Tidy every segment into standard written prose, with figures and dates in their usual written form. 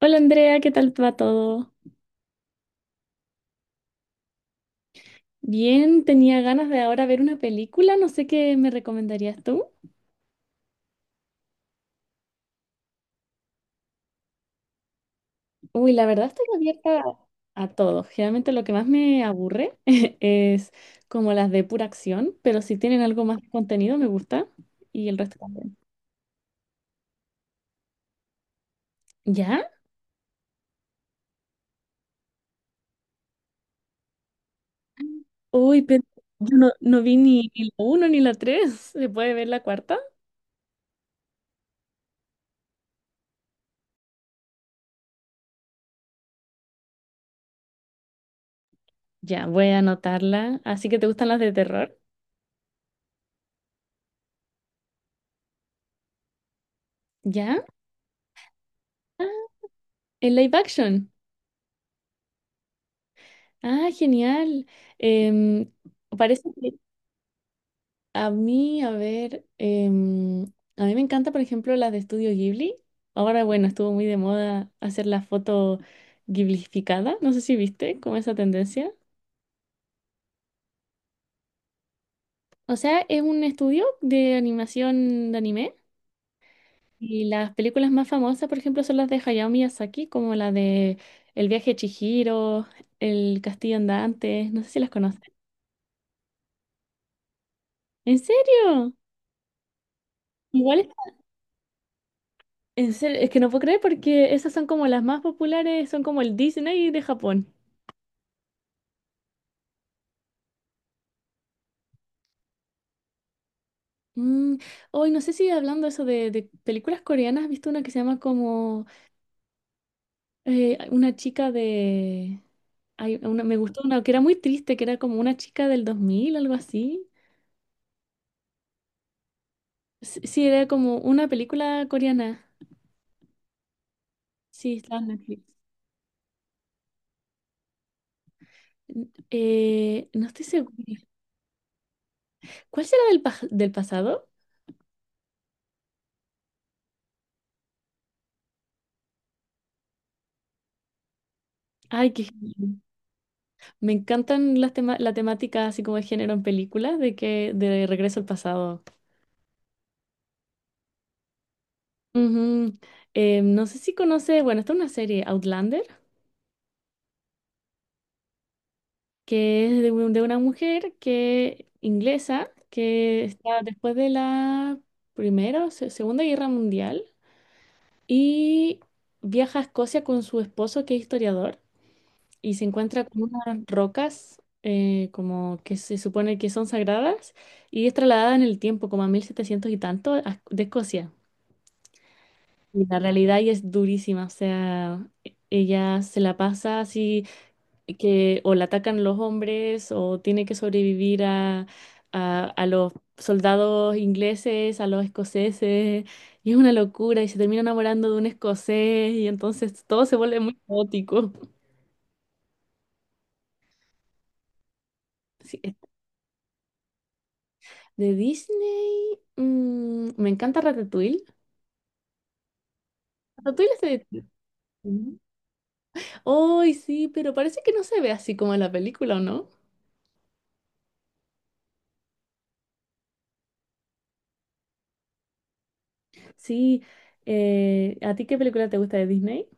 Hola Andrea, ¿qué tal va todo? Bien, tenía ganas de ahora ver una película, no sé qué me recomendarías tú. Uy, la verdad estoy abierta a todo. Generalmente lo que más me aburre es como las de pura acción, pero si tienen algo más de contenido me gusta y el resto también. ¿Ya? Uy, pero yo no vi ni la uno ni la tres. ¿Se puede ver la cuarta? Ya, voy a anotarla. Así que te gustan las de terror. ¿Ya? Ah, ¿en live action? Ah, genial. Em, Parece que a mí, a ver, a mí me encanta, por ejemplo, las de Estudio Ghibli. Ahora, bueno, estuvo muy de moda hacer la foto ghiblificada. No sé si viste como esa tendencia. O sea, es un estudio de animación de anime. Y las películas más famosas, por ejemplo, son las de Hayao Miyazaki, como la de El viaje de Chihiro, El castillo andante. No sé si las conoces. ¿En serio? Igual. En serio, es que no puedo creer porque esas son como las más populares, son como el Disney de Japón. Mm, Hoy no sé si hablando eso de películas coreanas, ¿has visto una que se llama como una chica de... Hay una, me gustó una que era muy triste, que era como una chica del 2000 algo así. Sí, sí, era como una película coreana. Sí, estaba en Netflix. No estoy segura. ¿Cuál será del pasado? Ay, qué... Me encantan las la temática así como de género en películas, de que de Regreso al Pasado. Ujú. No sé si conoce, bueno, está una serie Outlander, que es de una mujer que inglesa que está después de la Primera o Segunda Guerra Mundial y viaja a Escocia con su esposo que es historiador y se encuentra con unas rocas como que se supone que son sagradas y es trasladada en el tiempo como a 1700 y tanto a- de Escocia. Y la realidad y es durísima, o sea, e- ella se la pasa así que o la atacan los hombres o tiene que sobrevivir a los soldados ingleses, a los escoceses, y es una locura y se termina enamorando de un escocés y entonces todo se vuelve muy caótico. Sí, es- De Disney, me encanta Ratatouille. Ratatouille es de Disney. Ay, sí, pero parece que no se ve así como en la película, ¿o no? Sí, ¿a ti qué película te gusta de Disney?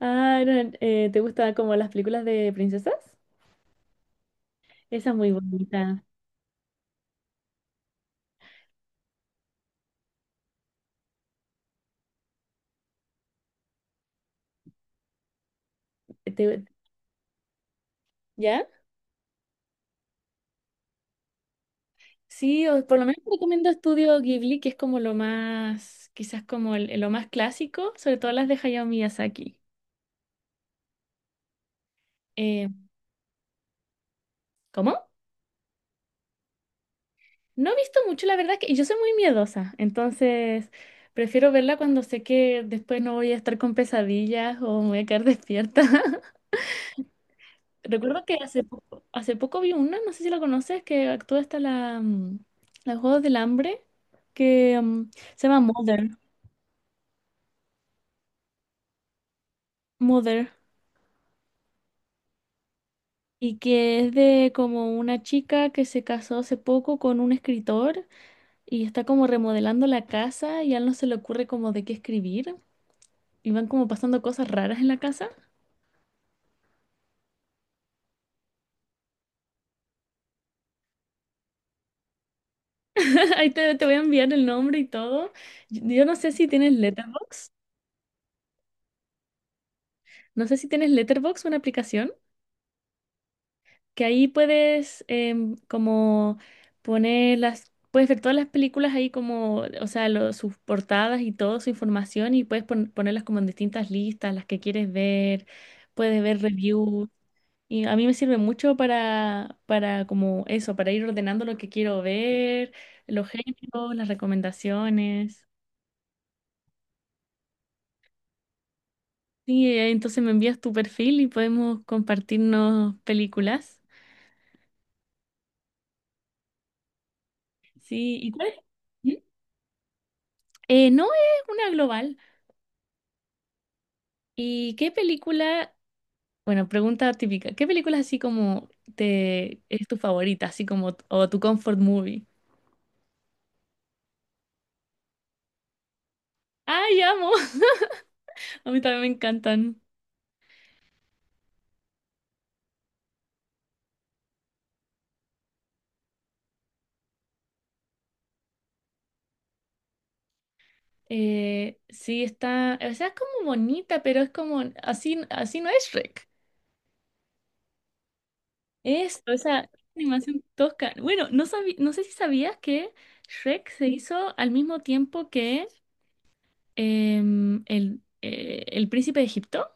Ah, no, ¿te gustan como las películas de princesas? Esa es muy bonita. Te- ¿Ya? Sí, o por lo menos te recomiendo Estudio Ghibli, que es como lo más, quizás como el- lo más clásico, sobre todo las de Hayao Miyazaki. Eh, ¿Cómo? No he visto mucho, la verdad, que y yo soy muy miedosa, entonces prefiero verla cuando sé que después no voy a estar con pesadillas o me voy a quedar despierta. Recuerdo que hace poco vi una, no sé si la conoces, que actúa hasta la Juegos del Hambre, que se llama Mother, Mother, y que es de como una chica que se casó hace poco con un escritor y está como remodelando la casa y a él no se le ocurre como de qué escribir. Y van como pasando cosas raras en la casa. Ahí te, te voy a enviar el nombre y todo. Yo no sé si tienes Letterboxd. No sé si tienes Letterboxd, una aplicación, que ahí puedes como puedes ver todas las películas ahí como, o sea, lo- sus portadas y todo, su información y puedes ponerlas como en distintas listas, las que quieres ver, puedes ver reviews. Y a mí me sirve mucho para, como eso, para ir ordenando lo que quiero ver, los géneros, las recomendaciones. Sí, entonces me envías tu perfil y podemos compartirnos películas. Sí, ¿y cuál es? ¿Mm? No es una global. ¿Y qué película, bueno, pregunta típica, qué película así como te es tu favorita, así como o tu comfort movie? ¡Ay, amo! A mí también me encantan. Sí, está, o sea, es como bonita, pero es como así, así no es Shrek. Esto, esa animación tosca. Bueno, no sabí- no sé si sabías que Shrek se hizo al mismo tiempo que el Príncipe de Egipto,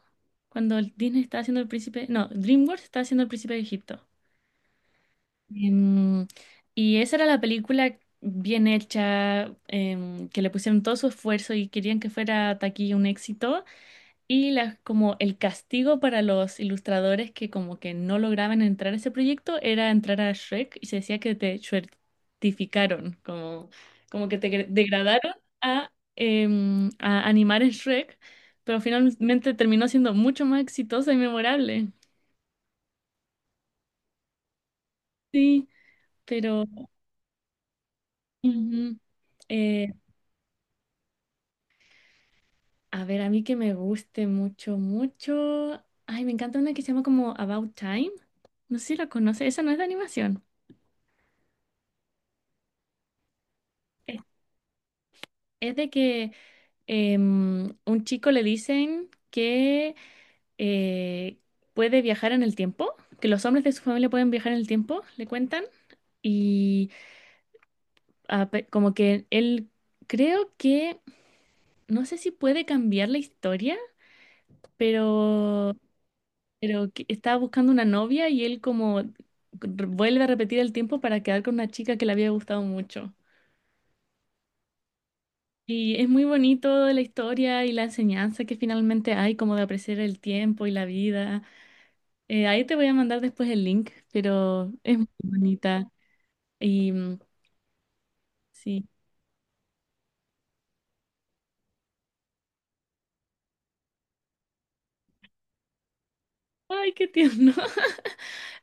cuando el Disney estaba haciendo el Príncipe, no, DreamWorks estaba haciendo el Príncipe de Egipto. Em, y esa era la película bien hecha, que le pusieron todo su esfuerzo y querían que fuera taquilla un éxito. Y la- como el castigo para los ilustradores que como que no lograban entrar a ese proyecto era entrar a Shrek y se decía que te certificaron, como, como que te degradaron a, a animar en Shrek, pero finalmente terminó siendo mucho más exitosa y memorable. Sí, pero ujú. Eh, a ver, a mí que me guste mucho, mucho. Ay, me encanta una que se llama como About Time. No sé si la conoces, esa no es de animación. Es es de que un chico le dicen que eh, puede viajar en el tiempo, que los hombres de su familia pueden viajar en el tiempo, le cuentan, y como que él creo que, no sé si puede cambiar la historia, pero, pero, que estaba buscando una novia y él como vuelve a repetir el tiempo para quedar con una chica que le había gustado mucho. Y es muy bonito la historia y la enseñanza que finalmente hay, como de apreciar el tiempo y la vida. Ahí te voy a mandar después el link, pero es muy bonita. Y sí. Ay, qué tierno.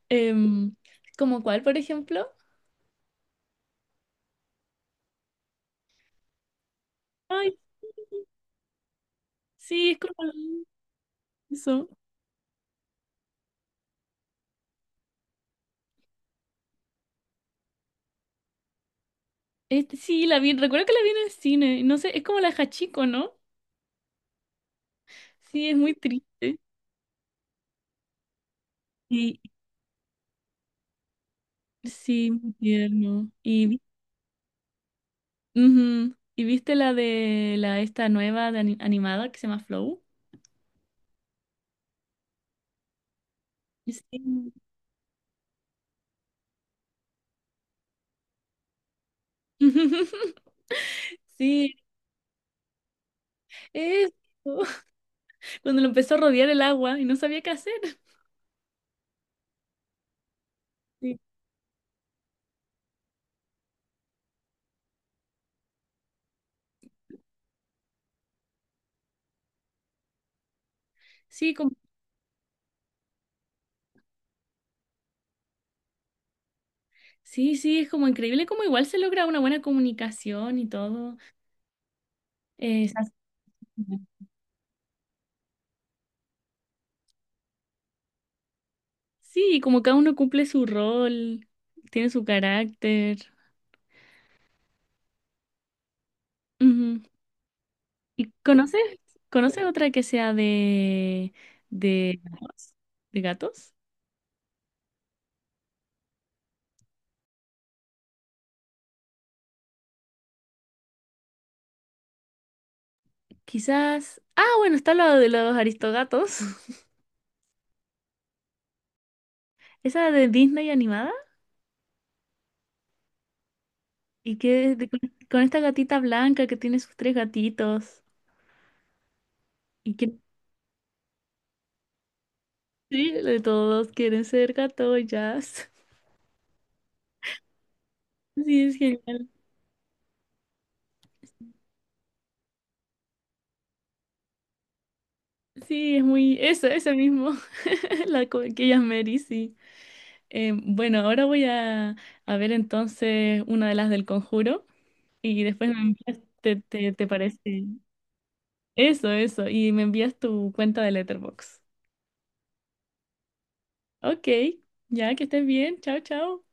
Em, ¿Como cuál, por ejemplo? Ay, sí, es como eso. Este, sí, la vi, recuerdo que la vi en el cine. No sé, es como la de Hachiko, ¿no? Sí, es muy triste. Y sí, muy tierno. Y, ujú. ¿Y viste la de la esta nueva de animada que se llama Flow? Sí. Sí, eso, cuando lo empezó a rodear el agua y no sabía qué hacer. Sí. Sí, como, sí, sí, es como increíble como igual se logra una buena comunicación y todo. Se hace- sí, como cada uno cumple su rol, tiene su carácter. Ujú. ¿Y conoces, conoces otra que sea de gatos? ¿De gatos? Quizás. Ah, bueno, está la de los aristogatos. Esa de Disney animada. Y que de- con esta gatita blanca que tiene sus tres gatitos, y que sí, de todos quieren ser gato. Sí, es genial. Sí, es muy... Eso, ese mismo. La co- que ella es Mary, sí. Bueno, ahora voy a ver entonces una de las del conjuro y después me envías, te parece? Eso, eso. Y me envías tu cuenta de Letterboxd. Ok, ya que estés bien. Chao, chao.